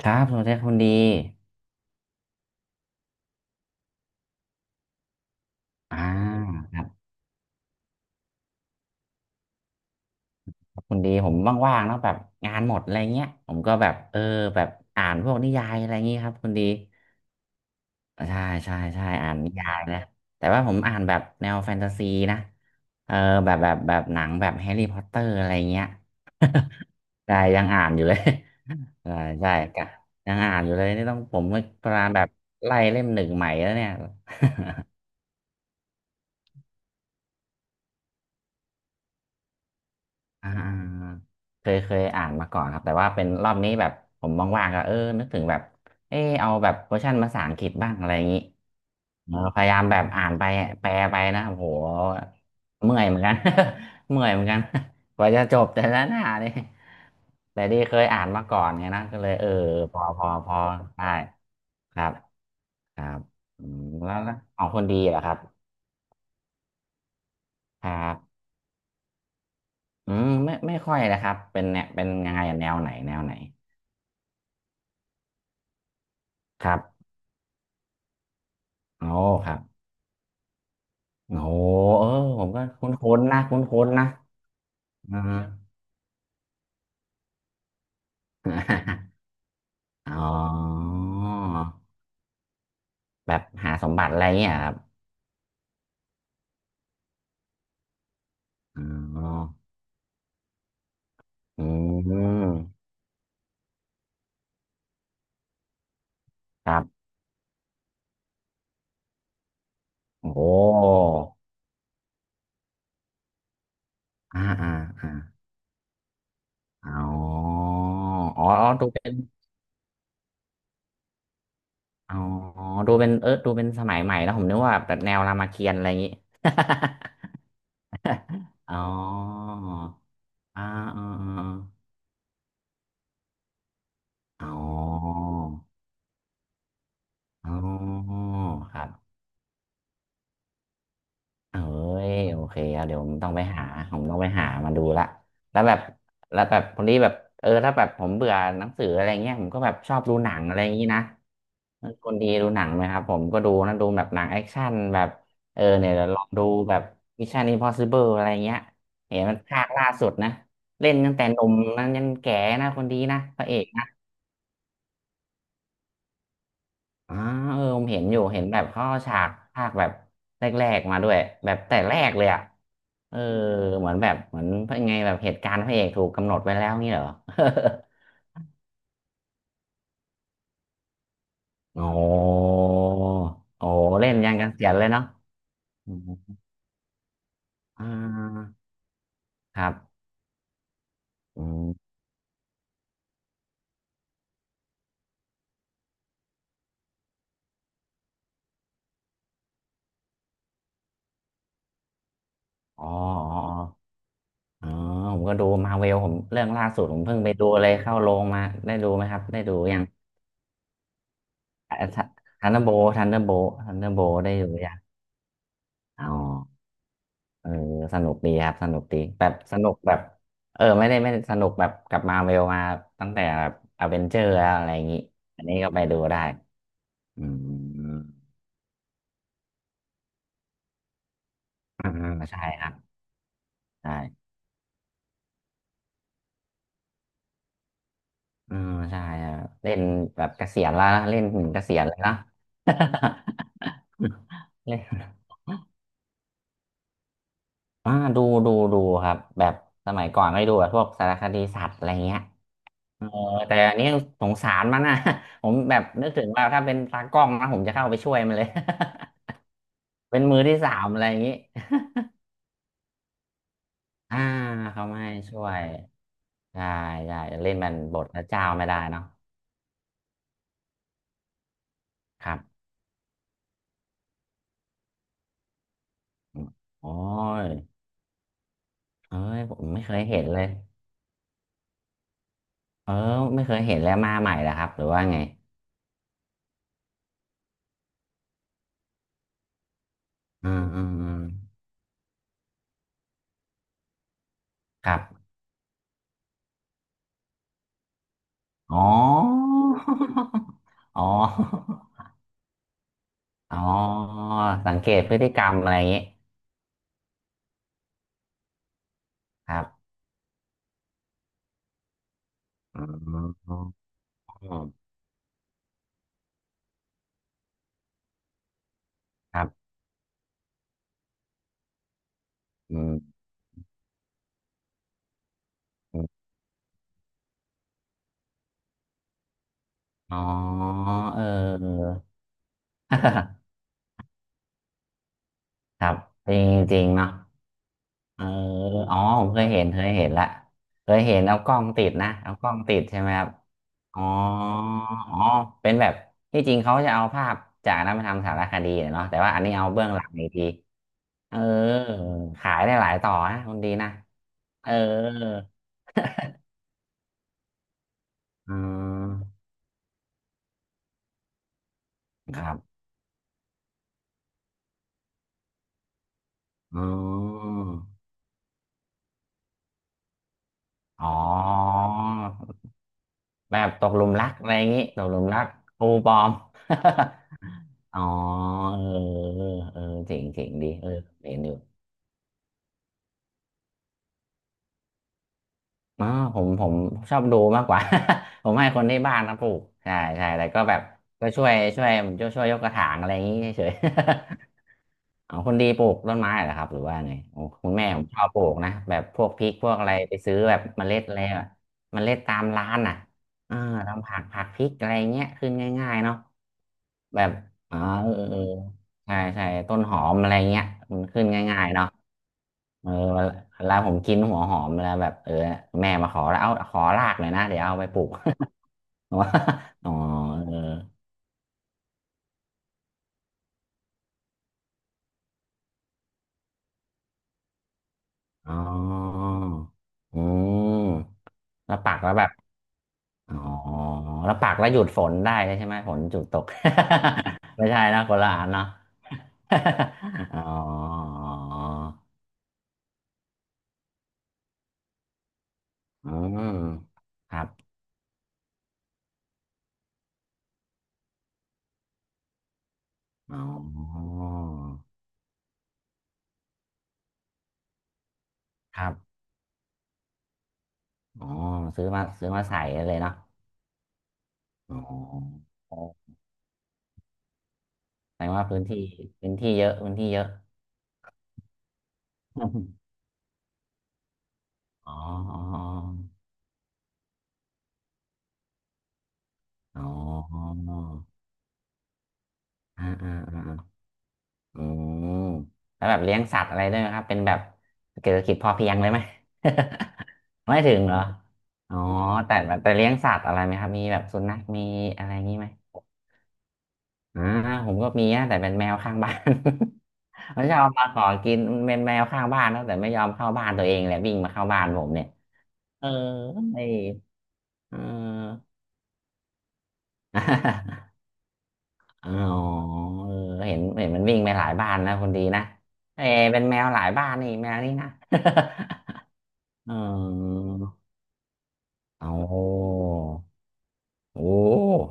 ครับสวัสดีครับคุณดีอ่าครับคุณดีผมว่างๆเนาะแบบงานหมดอะไรเงี้ยผมก็แบบแบบอ่านพวกนิยายอะไรเงี้ยครับคุณดีใช่ใช่ใช่อ่านนิยายนะแต่ว่าผมอ่านแบบแนวแฟนตาซีนะเออแบบหนังแบบแฮร์รี่พอตเตอร์อะไรเงี้ย ได้ยังอ่านอยู่เลย ใช่ใช่กะยังอ่านอยู่เลยนี่ต้องผมกำลังแบบไล่เล่มหนึ่งใหม่แล้วเนี่ย อ่าอ่าเคยอ่านมาก่อนครับแต่ว่าเป็นรอบนี้แบบผมว่างๆก็นึกถึงแบบเอาแบบเวอร์ชันภาษาอังกฤษบ้างอะไรอย่างนี้มพยายามแบบอ่านไปแปลไปนะโอ้โหเมื่อยเหมือนกัน เมื่อยเหมือนกันกว่าจะจบแต่ละหน้านี่แต่ที่เคยอ่านมาก่อนไงนะก็เลยพอได้ครับครับอืมแล้วแล้วของคนดีเหรอครับครับอืมไม่ไม่ค่อยนะครับเป็นเนี่ยเป็นยังไงอะแนวไหนแนวไหนครับ โอ้ครับ โอ้เออผมก็คุ้นๆนะคุ้นๆนะอ่า อ๋อแบบหาสมบัติอะไรเงี้ยครับอ๋ออืมครับ โอ้อ่าอ่าอ่าอ๋ออ๋ออ๋อดูเป็นอ๋อดูเป็นดูเป็นสมัยใหม่แล้วผมนึกว่าแบบแนวรามเกียรติ์อะไรอย่างงี้ อ๋ออ่าอ่าอาอ๋ออ๋ออ๋อครับ เอ้ยโอเคอรเดี๋ยวผมต้องไปหาผมต้องไปหามาดูละแล้วแบบแล้วแบบคนนี้แบบถ้าแบบผมเบื่อหนังสืออะไรเงี้ยผมก็แบบชอบดูหนังอะไรอย่างนี้นะคนดีดูหนังไหมครับผมก็ดูนะดูแบบหนังแอคชั่นแบบเนี่ยเดี๋ยวลองดูแบบ Mission Impossible อะไรเงี้ยเห็นมันภาคล่าสุดนะเล่นตั้งแต่หนุ่มนั้นยันแก่นะคนดีนะพระเอก อ่าผมเห็นอยู่เห็นแบบเขาเอาฉากภาคแบบแรกๆมาด้วยแบบแต่แรกเลยอ่ะเออเหมือนยังไงแบบเหตุการณ์พระเอกถูกกำหนดไว้แล้วงี้เหรอ โอ้ โอ้เล่นยันกันเสียนเลยเนาะอืมอ่าครับอืมอ๋ออ๋ออ๋อผมก็ดูมาเวลผมเรื่องล่าสุดผมเพิ่งไปดูเลยเข้าโรงมาได้ดูไหมครับได้ดูยังทันเดอร์โบทันเดอร์โบทันเดอร์โบได้ดูยังอ๋อ เออสนุกดีครับสนุกดีแบบสนุกแบบไม่ได้สนุกแบบกับมาเวลมาตั้งแต่แบบอเวนเจอร์แล้วอะไรอย่างนี้อันนี้ก็ไปดูได้อืมอ่าใช่ครับใช่อืมใช่ครับเล่นแบบเกษียณแล้วนะเล่นถึงเกษียณเลยนะ เล่นอ่าดูครับแบบสมัยก่อนก็ได้ดูแบบพวกสารคดีสัตว์อะไรเงี้ย เออแต่อันนี้สงสารมันนะ ผมแบบนึกถึงว่าถ้าเป็นตากล้องนะผมจะเข้าไปช่วยมันเลย เป็นมือที่สามอะไรอย่างนี้ อ่าเขาไม่ให้ช่วยได้ได้เล่นมันบทพระเจ้าไม่ได้เนาะครับอืมโอ้ยเอ้ยผมไม่เคยเห็นเลยเออไม่เคยเห็นแล้วมาใหม่เหรอครับหรือว่าไงอืมอืมอืมครับอ๋อ อ๋ออ๋อสังเกตพฤติกรรมอะไรอย่างนี้ครับอืม อ๋อครับอืมอมอ๋อเออ ครับจริงจริงเนาะเอออ๋อผมเคยเห็นเคยเห็นละเคยเห็นเอากล้องติดนะเอากล้องติดใช่ไหมครับอ๋ออ๋อเป็นแบบที่จริงเขาจะเอาภาพจากนั้นมาทำสารคดีเนาะแต่ว่าอันนี้เอาเบื้องหลังอีกทีเออขายได้หลายต่อนะคนดีนะเอออืมครับอ๋ออ๋อ แบบตกหลุมรักอะไรอย่างงี้ตกหลุมรักครูปลอม อ๋อเออเออเจ๋งเจ๋งดีเห็นอยู่ อ๋อผมผมชอบดูมากกว่า ผมให้คนที่บ้านนะปลูกใช่ใช่แต่ก็แบบก็ช่วยผมช่วยยกกระถางอะไรอย่างนี้เฉยๆ อ๋อคนดีปลูกต้นไม้เหรอครับหรือว่าไงโอ้คุณแม่ผมชอบปลูกนะแบบพวกพริกพวกอะไรไปซื้อแบบเมล็ดอะไรอะเมล็ดตามร้านอ่ะอ่าทำผักผักพริกอะไรเงี้ยขึ้นง่ายๆเนาะแบบอ๋อเออเออ ใช่ใช่ต้นหอมอะไรเงี้ยมันขึ้นง่ายๆเนาะเออเวลาผมกินหัวหอมเวลาแบบแม่มาขอแล้วเอาขอรากหน่อยนะเดี๋ยวเอาไปปลูก อ๋อเอออ๋ออืมแล้วปักแล้วแบบอ๋อแล้วปักแล้วหยุดฝนได้เลยใช่ไหมฝนหยุดตก ไม่ใช่นะคนละอันเนาะ อ๋ออืมครับอ๋อครับ อ๋อซื้อมาซื้อมาใส่เลยเนาะอ๋อแสดงว่าพื้นที่พื้นที่เยอะพื้นที่เยอะ อ๋ออ๋ออ๋ออ่าอ่าอ่าอืมแล้วแบบเลี้ยงสัตว์อะไรด้วยไหมครับเป็นแบบเศรษฐกิจพอเพียงเลยไหม ไม่ถึงเหรออ๋อแต่แต่เลี้ยงสัตว์อะไรไหมครับมีแบบสุนัขมีอะไรงี้ไหม อ่าผมก็มีนะแต่เป็นแมวข้างบ้าน มันชอบมาขอกินมันเป็นแมวข้างบ้านนะแต่ไม่ยอมเข้าบ้านตัวเองเลยวิ่งมาเข้าบ้านผมเนี่ยเออไอ้เออ อ๋อเออเห็นเห็นมันวิ่งไปหลายบ้านนะคนดีนะเออเป็นแมวหลายบ้านนี่แมวนี่นะ เออเอาโอ้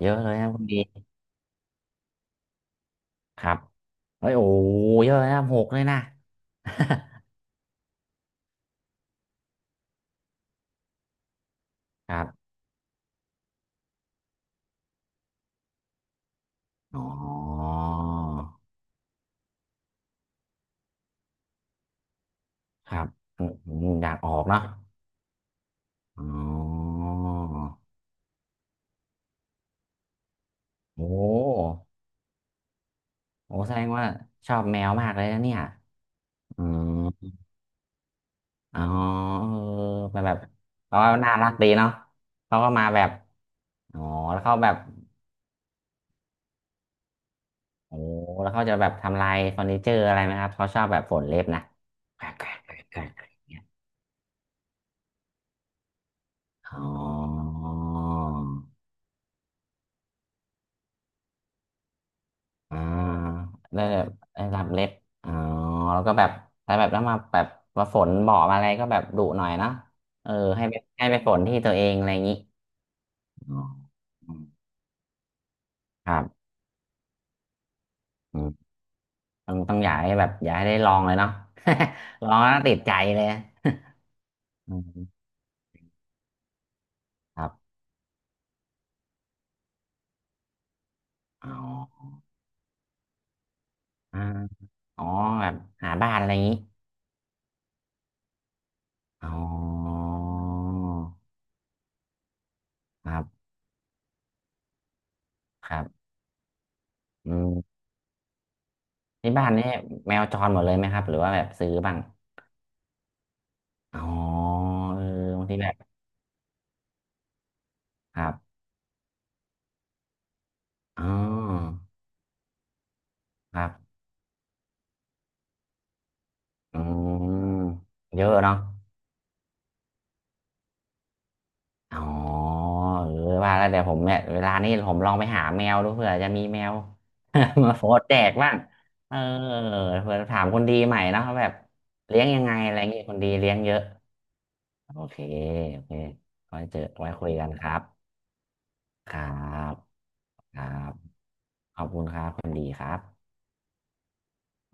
เยอะเลยนะคนดีครับเฮ้ยโอ้เยอะนะหกเลยนะ ครับอ๋อ ครับอืมอมอยากออกเนาะอ๋อโอ้โอ้แสดงว่าชอบแมวมากเลยนะเนี่ยอืมอ๋อเออแบบแบบเขาก็น่ารักดีเนาะเขาก็มาแบบอ๋อแล้วเขาแบบโอ้แล้วเขาจะแบบทำลายเฟอร์นิเจอร์อะไรไหมครับเขาชอบแบบฝนเล็บนะแกรกแกรกแกรกแกรกอ๋อ อ่าได้แบบได้รับเล็บอ๋อแล้วก็แบบถ้าแบบแล้วมาแบบมาฝนบอมาอะไรก็แบบดุหน่อยเนาะเออให้ไปให้ไปฝนที่ตัวเองอะไรอย่างนี้อ๋ออืมครับอืมต้องอยากให้แบบอยากให้ได้ลองเลยเนาะ ลองแล้วติดใจเลย อืมครับอ๋ออ่าอ๋อแบบหาบ้านอะไรอย่างนี้อ๋อครับครับอืมที่บ้านนี่แมวจรหมดเลยไหมครับหรือว่าแบบซื้อบ้าง อ๋อเออบางทีแบบครับอ๋อครับอืมเยอะเนาะอ๋อเออว่าแล้วเดี๋ยวผมเนี่ยเวลานี้ผมลองไปหาแมวดูเผื่อจะมีแมว มาโฟดแดกบ้างเออเผื่อถามคนดีใหม่เนาะว่าแบบเลี้ยงยังไงอะไรเงี้ยคนดีเลี้ยงเยอะโอเคโอเคไว้เจอไว้คุยกันครับครับครับขอบคุณครับคนดีครับ